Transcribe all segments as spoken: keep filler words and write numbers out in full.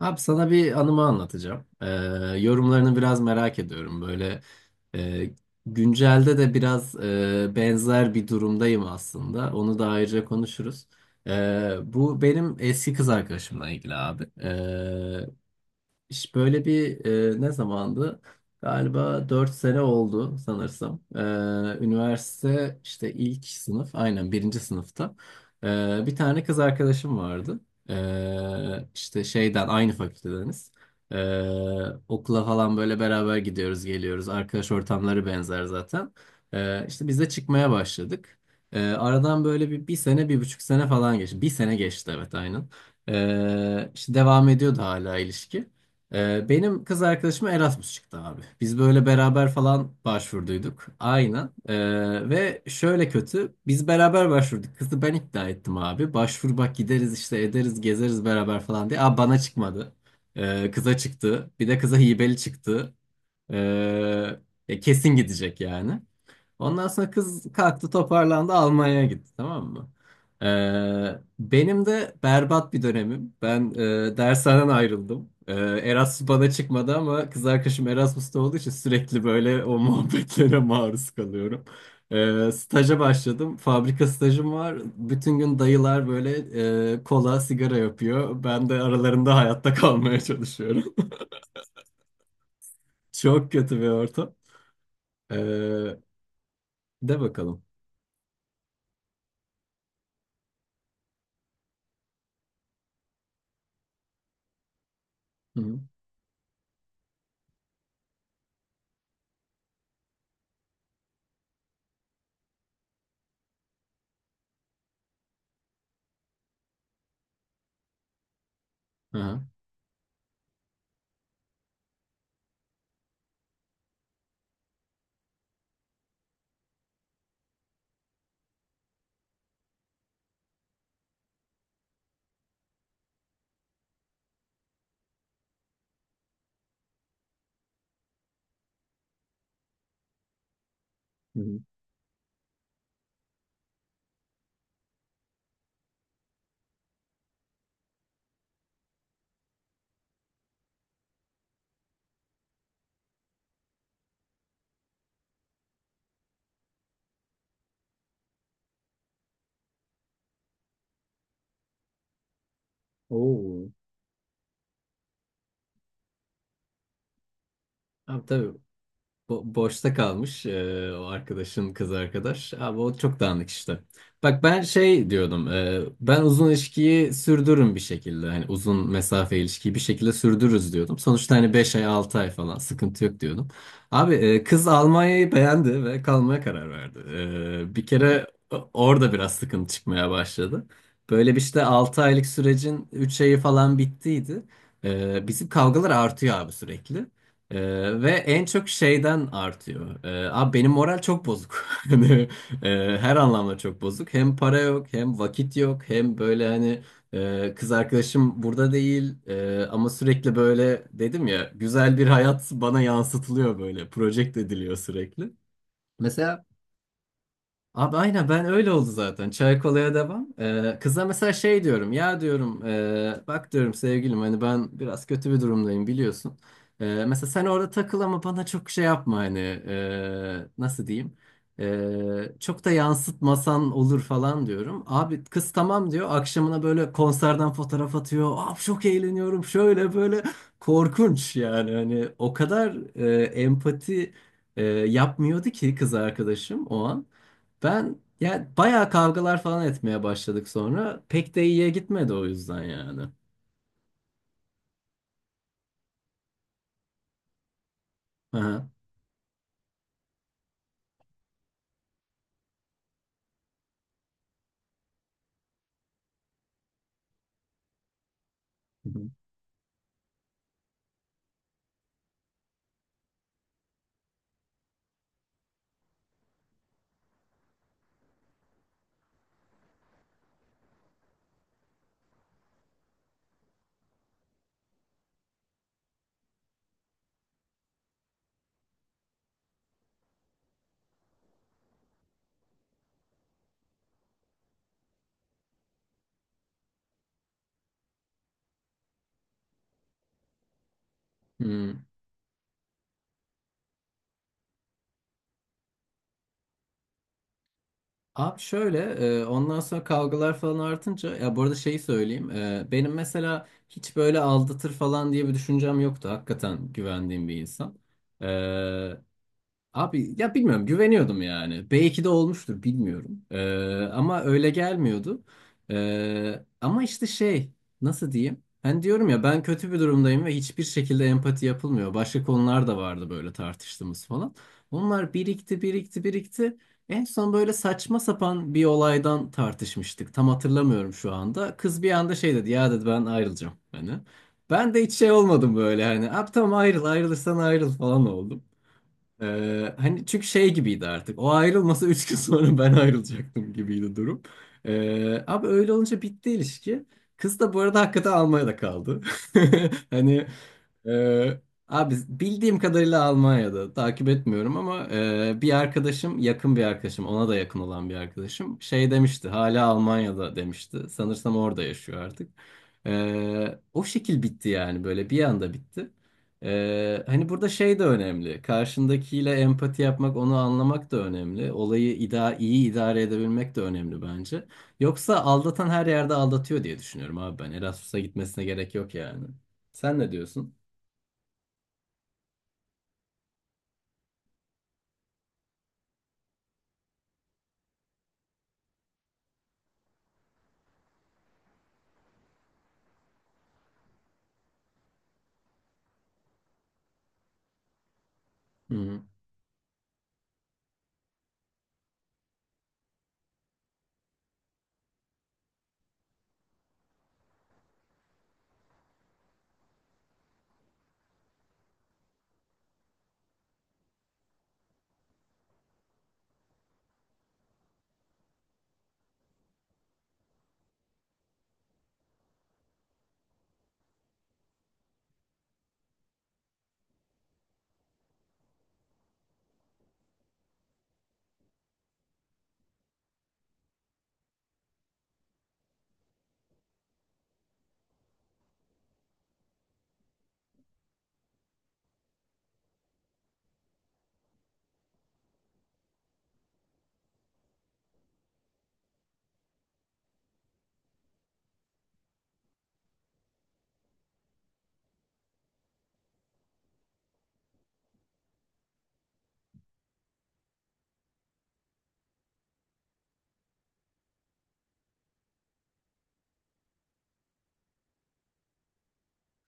Abi sana bir anımı anlatacağım. Ee, yorumlarını biraz merak ediyorum. Böyle e, Güncelde de biraz e, benzer bir durumdayım aslında. Onu da ayrıca konuşuruz. Ee, bu benim eski kız arkadaşımla ilgili abi. Ee, İş böyle bir e, ne zamandı? Galiba dört sene oldu sanırsam. E, üniversite işte ilk sınıf aynen birinci sınıfta. E, bir tane kız arkadaşım vardı. E, işte şeyden aynı fakültedeniz. E, Okula falan böyle beraber gidiyoruz geliyoruz. Arkadaş ortamları benzer zaten. E, işte biz de çıkmaya başladık. E, aradan böyle bir, bir sene bir buçuk sene falan geçti. Bir sene geçti, evet, aynen. E, işte devam ediyordu hala ilişki. Ee, benim kız arkadaşıma Erasmus çıktı abi. Biz böyle beraber falan başvurduyduk. Aynen. Ee, ve şöyle kötü. Biz beraber başvurduk. Kızı ben ikna ettim abi. Başvur bak gideriz işte ederiz gezeriz beraber falan diye. Aa bana çıkmadı. Ee, kıza çıktı. Bir de kıza hibeli çıktı. Ee, e, Kesin gidecek yani. Ondan sonra kız kalktı toparlandı Almanya'ya gitti tamam mı? Ee, benim de berbat bir dönemim. Ben e, dershaneden ayrıldım. Ee, Erasmus bana çıkmadı ama kız arkadaşım Erasmus'ta olduğu için sürekli böyle o muhabbetlere maruz kalıyorum. Ee, staja başladım. Fabrika stajım var. Bütün gün dayılar böyle e, kola, sigara yapıyor. Ben de aralarında hayatta kalmaya çalışıyorum. Çok kötü bir ortam. Ee, De bakalım. Hı hı. Aha. Oo. Abi tabii bo- boşta kalmış e, o arkadaşın kız arkadaş. Abi o çok dağınık işte. Bak ben şey diyordum. E, ben uzun ilişkiyi sürdürürüm bir şekilde. Hani uzun mesafe ilişkiyi bir şekilde sürdürürüz diyordum. Sonuçta hani beş ay altı ay falan sıkıntı yok diyordum. Abi e, kız Almanya'yı beğendi ve kalmaya karar verdi. E, bir kere o- orada biraz sıkıntı çıkmaya başladı. Böyle bir işte altı aylık sürecin üç ayı falan bittiydi. E, bizim kavgalar artıyor abi sürekli. Ee, ve en çok şeyden artıyor. Ee, abi benim moral çok bozuk. Hani, e, her anlamda çok bozuk. Hem para yok, hem vakit yok, hem böyle hani e, kız arkadaşım burada değil. E, ama sürekli böyle dedim ya güzel bir hayat bana yansıtılıyor böyle. Projekte ediliyor sürekli. Mesela abi aynen ben öyle oldu zaten. Çay kolaya devam. Ee, kıza mesela şey diyorum. Ya diyorum e, bak diyorum sevgilim hani ben biraz kötü bir durumdayım biliyorsun. Ee, mesela sen orada takıl ama bana çok şey yapma hani e, nasıl diyeyim. Ee, çok da yansıtmasan olur falan diyorum. Abi kız tamam diyor. Akşamına böyle konserden fotoğraf atıyor. Abi çok eğleniyorum şöyle böyle. Korkunç yani hani o kadar e, empati e, yapmıyordu ki kız arkadaşım o an. Ben yani bayağı kavgalar falan etmeye başladık sonra. Pek de iyiye gitmedi o yüzden yani. Aha. Hı. Hı. Hmm. Abi şöyle e, ondan sonra kavgalar falan artınca ya bu arada şeyi söyleyeyim. E, benim mesela hiç böyle aldatır falan diye bir düşüncem yoktu. Hakikaten güvendiğim bir insan. E, Abi ya bilmiyorum güveniyordum yani. Belki de olmuştur bilmiyorum. Ee, ama öyle gelmiyordu. Ee, ama işte şey, nasıl diyeyim? Ben diyorum ya ben kötü bir durumdayım ve hiçbir şekilde empati yapılmıyor. Başka konular da vardı böyle tartıştığımız falan. Onlar birikti birikti birikti. En son böyle saçma sapan bir olaydan tartışmıştık. Tam hatırlamıyorum şu anda. Kız bir anda şey dedi ya dedi ben ayrılacağım. Hani. Ben de hiç şey olmadım böyle hani. Abi tamam ayrıl ayrılırsan ayrıl falan oldum. Ee, hani çünkü şey gibiydi artık. O ayrılmasa üç gün sonra ben ayrılacaktım gibiydi durum. Ee, abi öyle olunca bitti ilişki. Kız da bu arada hakikaten Almanya'da kaldı. Hani e, abi bildiğim kadarıyla Almanya'da takip etmiyorum ama e, bir arkadaşım yakın bir arkadaşım ona da yakın olan bir arkadaşım şey demişti hala Almanya'da demişti. Sanırsam orada yaşıyor artık. Ee, o şekil bitti yani böyle bir anda bitti. Ee, hani burada şey de önemli. Karşındakiyle empati yapmak, onu anlamak da önemli. Olayı ida iyi idare edebilmek de önemli bence. Yoksa aldatan her yerde aldatıyor diye düşünüyorum abi ben. Erasmus'a gitmesine gerek yok yani. Sen ne diyorsun? Hı.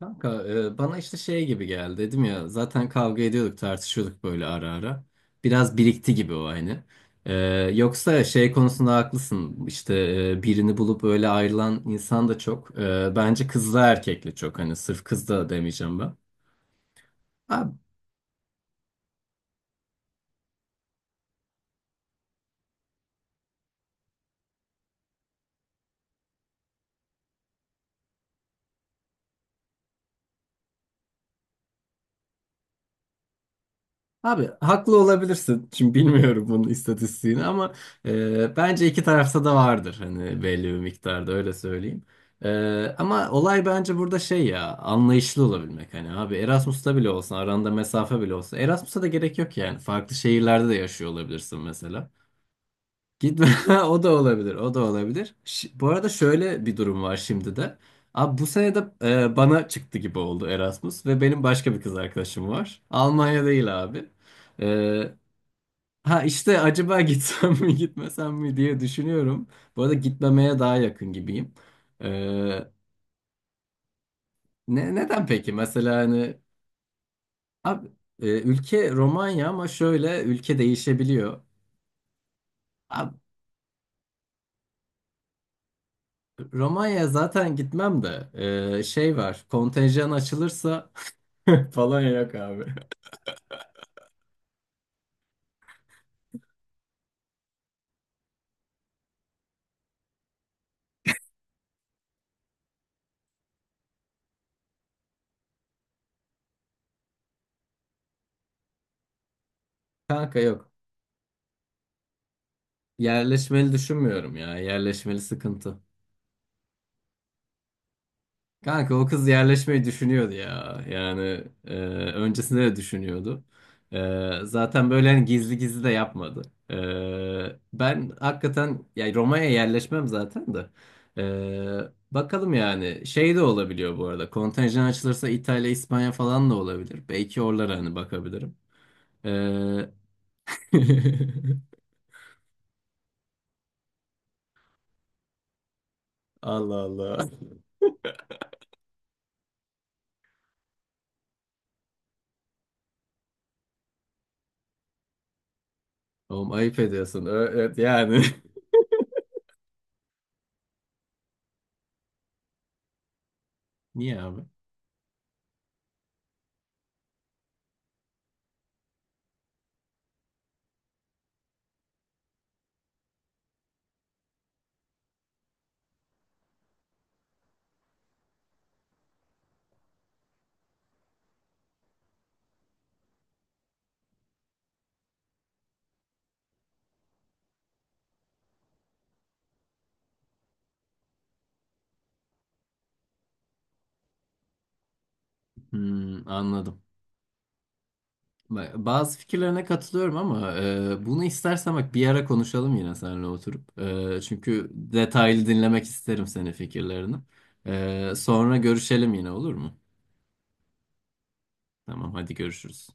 Kanka e, bana işte şey gibi geldi dedim ya zaten kavga ediyorduk tartışıyorduk böyle ara ara. Biraz birikti gibi o hani. E, Yoksa şey konusunda haklısın işte, e, birini bulup öyle ayrılan insan da çok. E, bence kızla erkekle çok hani sırf kız da demeyeceğim ben. Abi haklı olabilirsin. Şimdi bilmiyorum bunun istatistiğini ama e, bence iki tarafta da vardır hani belli bir miktarda öyle söyleyeyim. E, ama olay bence burada şey ya anlayışlı olabilmek hani abi Erasmus'ta bile olsa aranda mesafe bile olsa Erasmus'a da gerek yok yani farklı şehirlerde de yaşıyor olabilirsin mesela. Gitme. O da olabilir. O da olabilir. Ş- bu arada şöyle bir durum var şimdi de. Abi bu sene de e, bana çıktı gibi oldu Erasmus ve benim başka bir kız arkadaşım var. Almanya değil abi. E, ha işte acaba gitsem mi gitmesem mi diye düşünüyorum. Bu arada gitmemeye daha yakın gibiyim. E, Ne neden peki? Mesela hani abi e, ülke Romanya ama şöyle ülke değişebiliyor. Romanya'ya zaten gitmem de eee, şey var kontenjan açılırsa falan yok abi. Kanka yok. Yerleşmeli düşünmüyorum ya. Yerleşmeli sıkıntı. Kanka o kız yerleşmeyi düşünüyordu ya. Yani e, öncesinde de düşünüyordu. E, zaten böyle hani gizli gizli de yapmadı. E, ben hakikaten ya Roma'ya yerleşmem zaten de. E, bakalım yani şey de olabiliyor bu arada. Kontenjan açılırsa İtalya, İspanya falan da olabilir. Belki oralara hani bakabilirim. E, Allah Allah. Oğlum ayıp ediyorsun. Ö- ö- yani. Niye abi? Hmm, anladım. Ba- Bazı fikirlerine katılıyorum ama e, bunu istersen bak bir ara konuşalım yine seninle oturup. E, çünkü detaylı dinlemek isterim senin fikirlerini. E, sonra görüşelim yine olur mu? Tamam hadi görüşürüz.